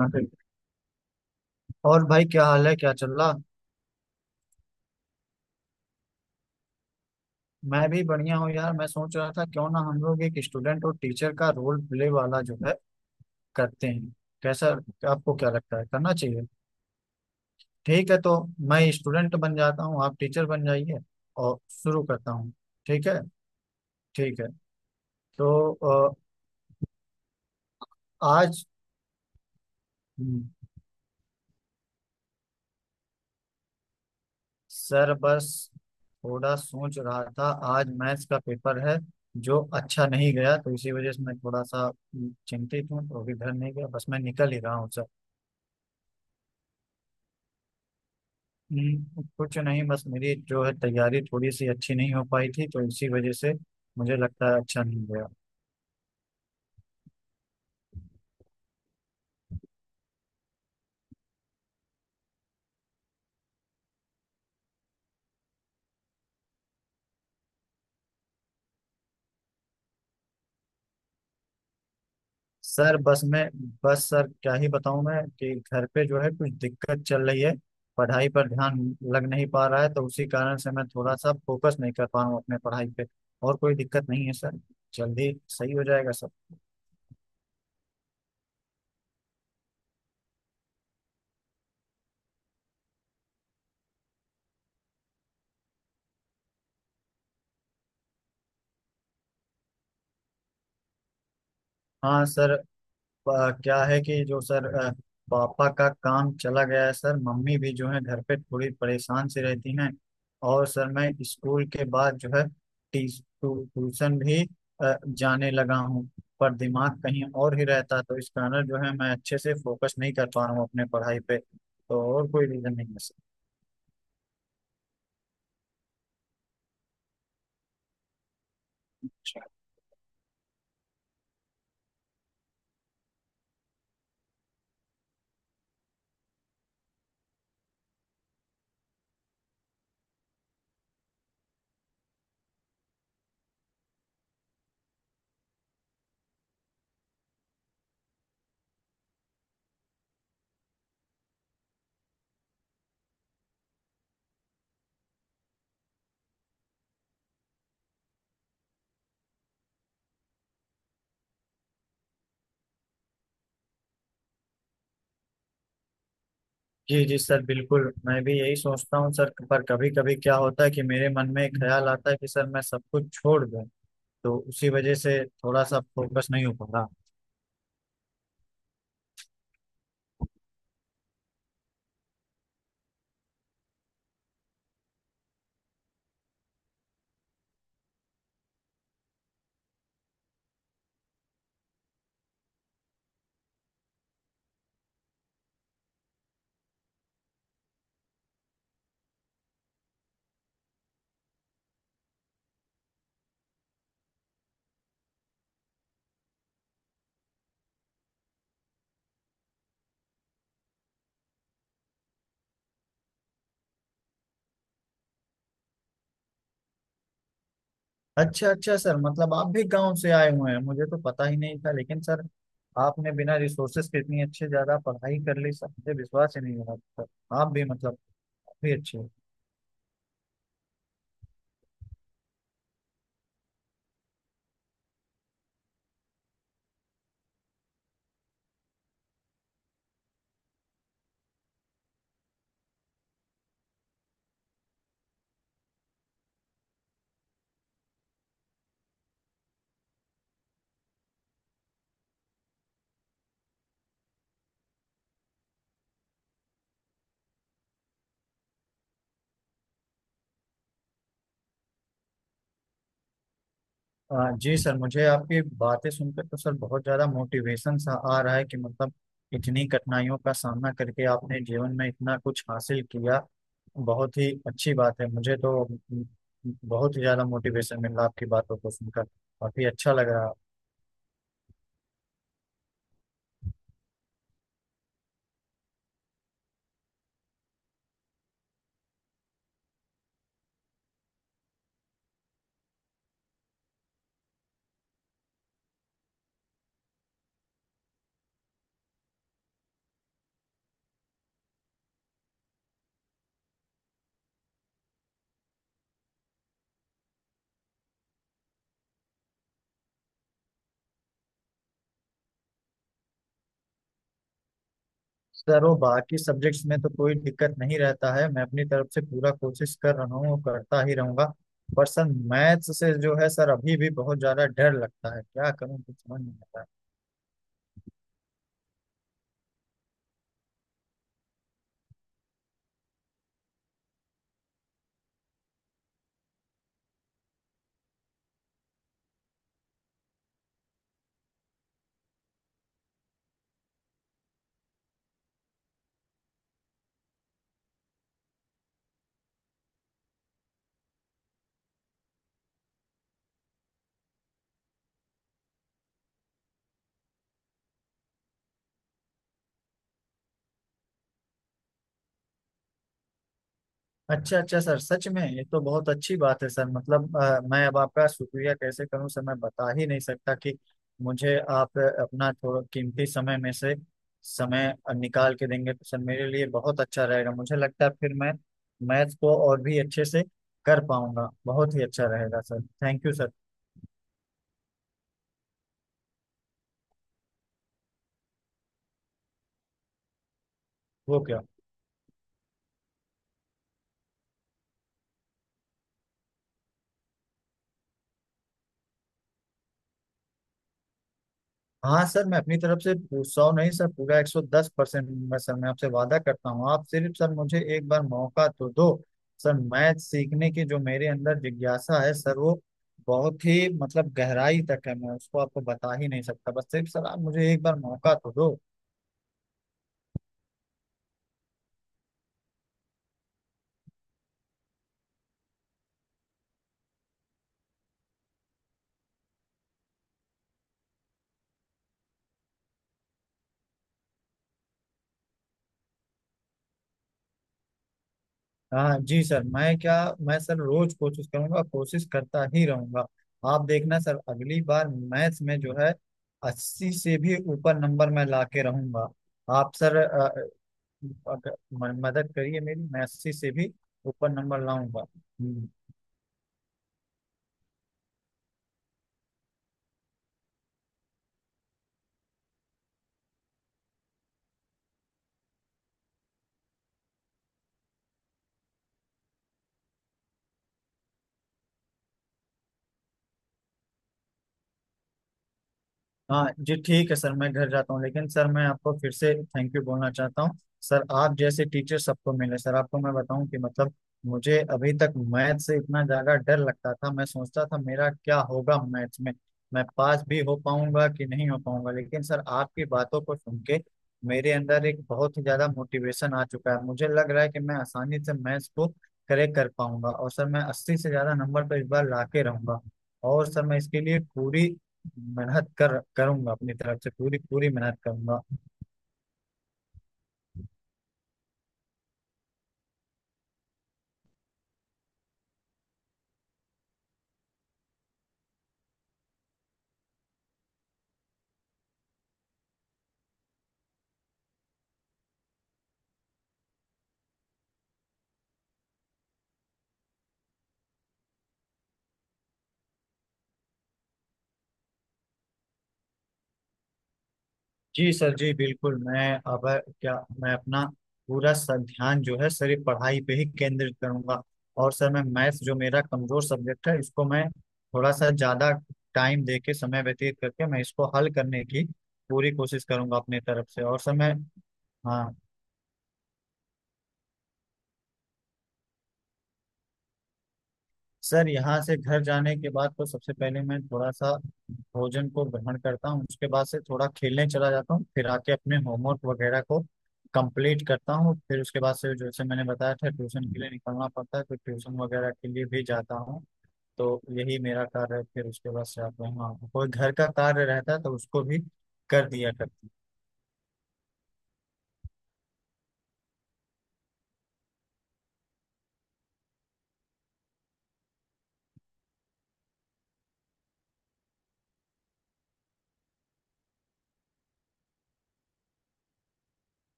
हाँ, ठीक। है। और भाई, क्या हाल है? क्या चल रहा। मैं भी बढ़िया हूँ यार। मैं सोच रहा था क्यों ना हम लोग एक स्टूडेंट और टीचर का रोल प्ले वाला जो है करते हैं। कैसा? आपको क्या लगता है, करना चाहिए? ठीक है तो मैं स्टूडेंट बन जाता हूँ, आप टीचर बन जाइए और शुरू करता हूँ। ठीक है। ठीक है। तो आज। हम्म, सर बस थोड़ा सोच रहा था। आज मैथ्स का पेपर है जो अच्छा नहीं गया, तो इसी वजह से मैं थोड़ा सा चिंतित हूँ, तो अभी घर नहीं गया, बस मैं निकल ही रहा हूँ। कुछ नहीं, बस मेरी जो है तैयारी थोड़ी सी अच्छी नहीं हो पाई थी तो इसी वजह से मुझे लगता है अच्छा नहीं गया। सर बस मैं बस सर क्या ही बताऊं मैं कि घर पे जो है कुछ दिक्कत चल रही है। पढ़ाई पर ध्यान लग नहीं पा रहा है तो उसी कारण से मैं थोड़ा सा फोकस नहीं कर पा रहा हूँ अपने पढ़ाई पे। और कोई दिक्कत नहीं है सर, जल्दी सही हो जाएगा सर। हाँ सर, क्या है कि जो सर पापा का काम चला गया है सर, मम्मी भी जो है घर पे थोड़ी परेशान सी रहती हैं। और सर मैं स्कूल के बाद जो है टी ट्यूशन भी जाने लगा हूँ, पर दिमाग कहीं और ही रहता है, तो इस कारण जो है मैं अच्छे से फोकस नहीं कर पा रहा हूँ अपने पढ़ाई पे। तो और कोई रीजन नहीं है सर। जी जी सर बिल्कुल, मैं भी यही सोचता हूँ सर, पर कभी कभी क्या होता है कि मेरे मन में एक ख्याल आता है कि सर मैं सब कुछ छोड़ दूँ, तो उसी वजह से थोड़ा सा फोकस नहीं हो पा रहा। अच्छा अच्छा सर, मतलब आप भी गांव से आए हुए हैं? मुझे तो पता ही नहीं था। लेकिन सर, आपने बिना रिसोर्सेस के इतनी अच्छे ज्यादा पढ़ाई कर ली सर, मुझे विश्वास ही नहीं हो रहा था। आप भी मतलब काफी अच्छे हो। जी सर, मुझे आपकी बातें सुनकर तो सर बहुत ज़्यादा मोटिवेशन सा आ रहा है कि मतलब इतनी कठिनाइयों का सामना करके आपने जीवन में इतना कुछ हासिल किया, बहुत ही अच्छी बात है। मुझे तो म, बहुत ही ज़्यादा मोटिवेशन मिल रहा आपकी बातों को सुनकर, काफ़ी अच्छा लग रहा। सर वो बाकी सब्जेक्ट्स में तो कोई दिक्कत नहीं रहता है, मैं अपनी तरफ से पूरा कोशिश कर रहा हूँ, करता ही रहूंगा। पर सर, मैथ्स से जो है सर अभी भी बहुत ज़्यादा डर लगता है, क्या करूँ, कुछ समझ नहीं आता है। अच्छा अच्छा सर, सच में ये तो बहुत अच्छी बात है सर, मतलब मैं अब आपका शुक्रिया कैसे करूं सर, मैं बता ही नहीं सकता कि मुझे आप अपना थोड़ा कीमती समय में से समय निकाल के देंगे तो सर मेरे लिए बहुत अच्छा रहेगा। मुझे लगता है फिर मैं मैथ को और भी अच्छे से कर पाऊंगा। बहुत ही अच्छा रहेगा सर, थैंक यू सर। वो क्या। हाँ सर, मैं अपनी तरफ से 100 नहीं सर, पूरा 110% मैं सर, मैं आपसे वादा करता हूँ, आप सिर्फ सर मुझे एक बार मौका तो दो। सर मैथ सीखने की जो मेरे अंदर जिज्ञासा है सर, वो बहुत ही मतलब गहराई तक है, मैं उसको आपको बता ही नहीं सकता, बस सिर्फ सर आप मुझे एक बार मौका तो दो। हाँ जी सर, मैं क्या, मैं सर रोज कोशिश करूंगा, कोशिश करता ही रहूंगा। आप देखना सर, अगली बार मैथ्स में जो है 80 से भी ऊपर नंबर मैं लाके रहूंगा। आप सर अगर मदद करिए मेरी, मैं 80 से भी ऊपर नंबर लाऊंगा। हाँ जी ठीक है सर, मैं घर जाता हूँ लेकिन सर मैं आपको फिर से थैंक यू बोलना चाहता हूँ सर। आप जैसे टीचर सबको मिले सर। आपको मैं बताऊं कि मतलब मुझे अभी तक मैथ से इतना ज्यादा डर लगता था, मैं सोचता था मेरा क्या होगा मैथ में, मैं पास भी हो पाऊंगा कि नहीं हो पाऊंगा। लेकिन सर आपकी बातों को सुन के मेरे अंदर एक बहुत ही ज्यादा मोटिवेशन आ चुका है, मुझे लग रहा है कि मैं आसानी से मैथ्स को करेक्ट कर पाऊंगा, और सर मैं अस्सी से ज्यादा नंबर पर इस बार ला के रहूंगा। और सर मैं इसके लिए पूरी मेहनत कर करूंगा, अपनी तरफ से पूरी पूरी मेहनत करूंगा। जी सर जी बिल्कुल, मैं अब क्या, मैं अपना पूरा ध्यान जो है सर ये पढ़ाई पे ही केंद्रित करूंगा, और सर मैं मैथ्स जो मेरा कमजोर सब्जेक्ट है इसको मैं थोड़ा सा ज्यादा टाइम दे के समय व्यतीत करके मैं इसको हल करने की पूरी कोशिश करूंगा अपनी तरफ से। और सर मैं हाँ सर, यहाँ से घर जाने के बाद तो सबसे पहले मैं थोड़ा सा भोजन को ग्रहण करता हूँ, उसके बाद से थोड़ा खेलने चला जाता हूँ, फिर आके अपने होमवर्क वगैरह को कंप्लीट करता हूँ, फिर उसके बाद से जैसे मैंने बताया था ट्यूशन के लिए निकलना पड़ता है तो ट्यूशन वगैरह के लिए भी जाता हूँ। तो यही मेरा कार्य है, फिर उसके बाद से आता हूँ। हाँ, कोई घर का कार्य रहता है तो उसको भी कर दिया करता हूँ।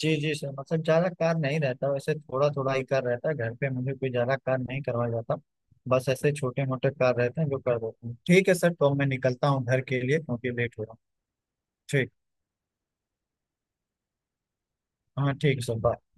जी जी सर, मतलब ज्यादा कार नहीं रहता, वैसे थोड़ा थोड़ा ही कार रहता है घर पे, मुझे कोई ज्यादा कार नहीं करवाया जाता, बस ऐसे छोटे मोटे कार रहते हैं जो कर देते हैं। ठीक है सर, तो मैं निकलता हूँ घर के लिए क्योंकि लेट हो रहा हूँ। ठीक। हाँ ठीक है सर, बाय।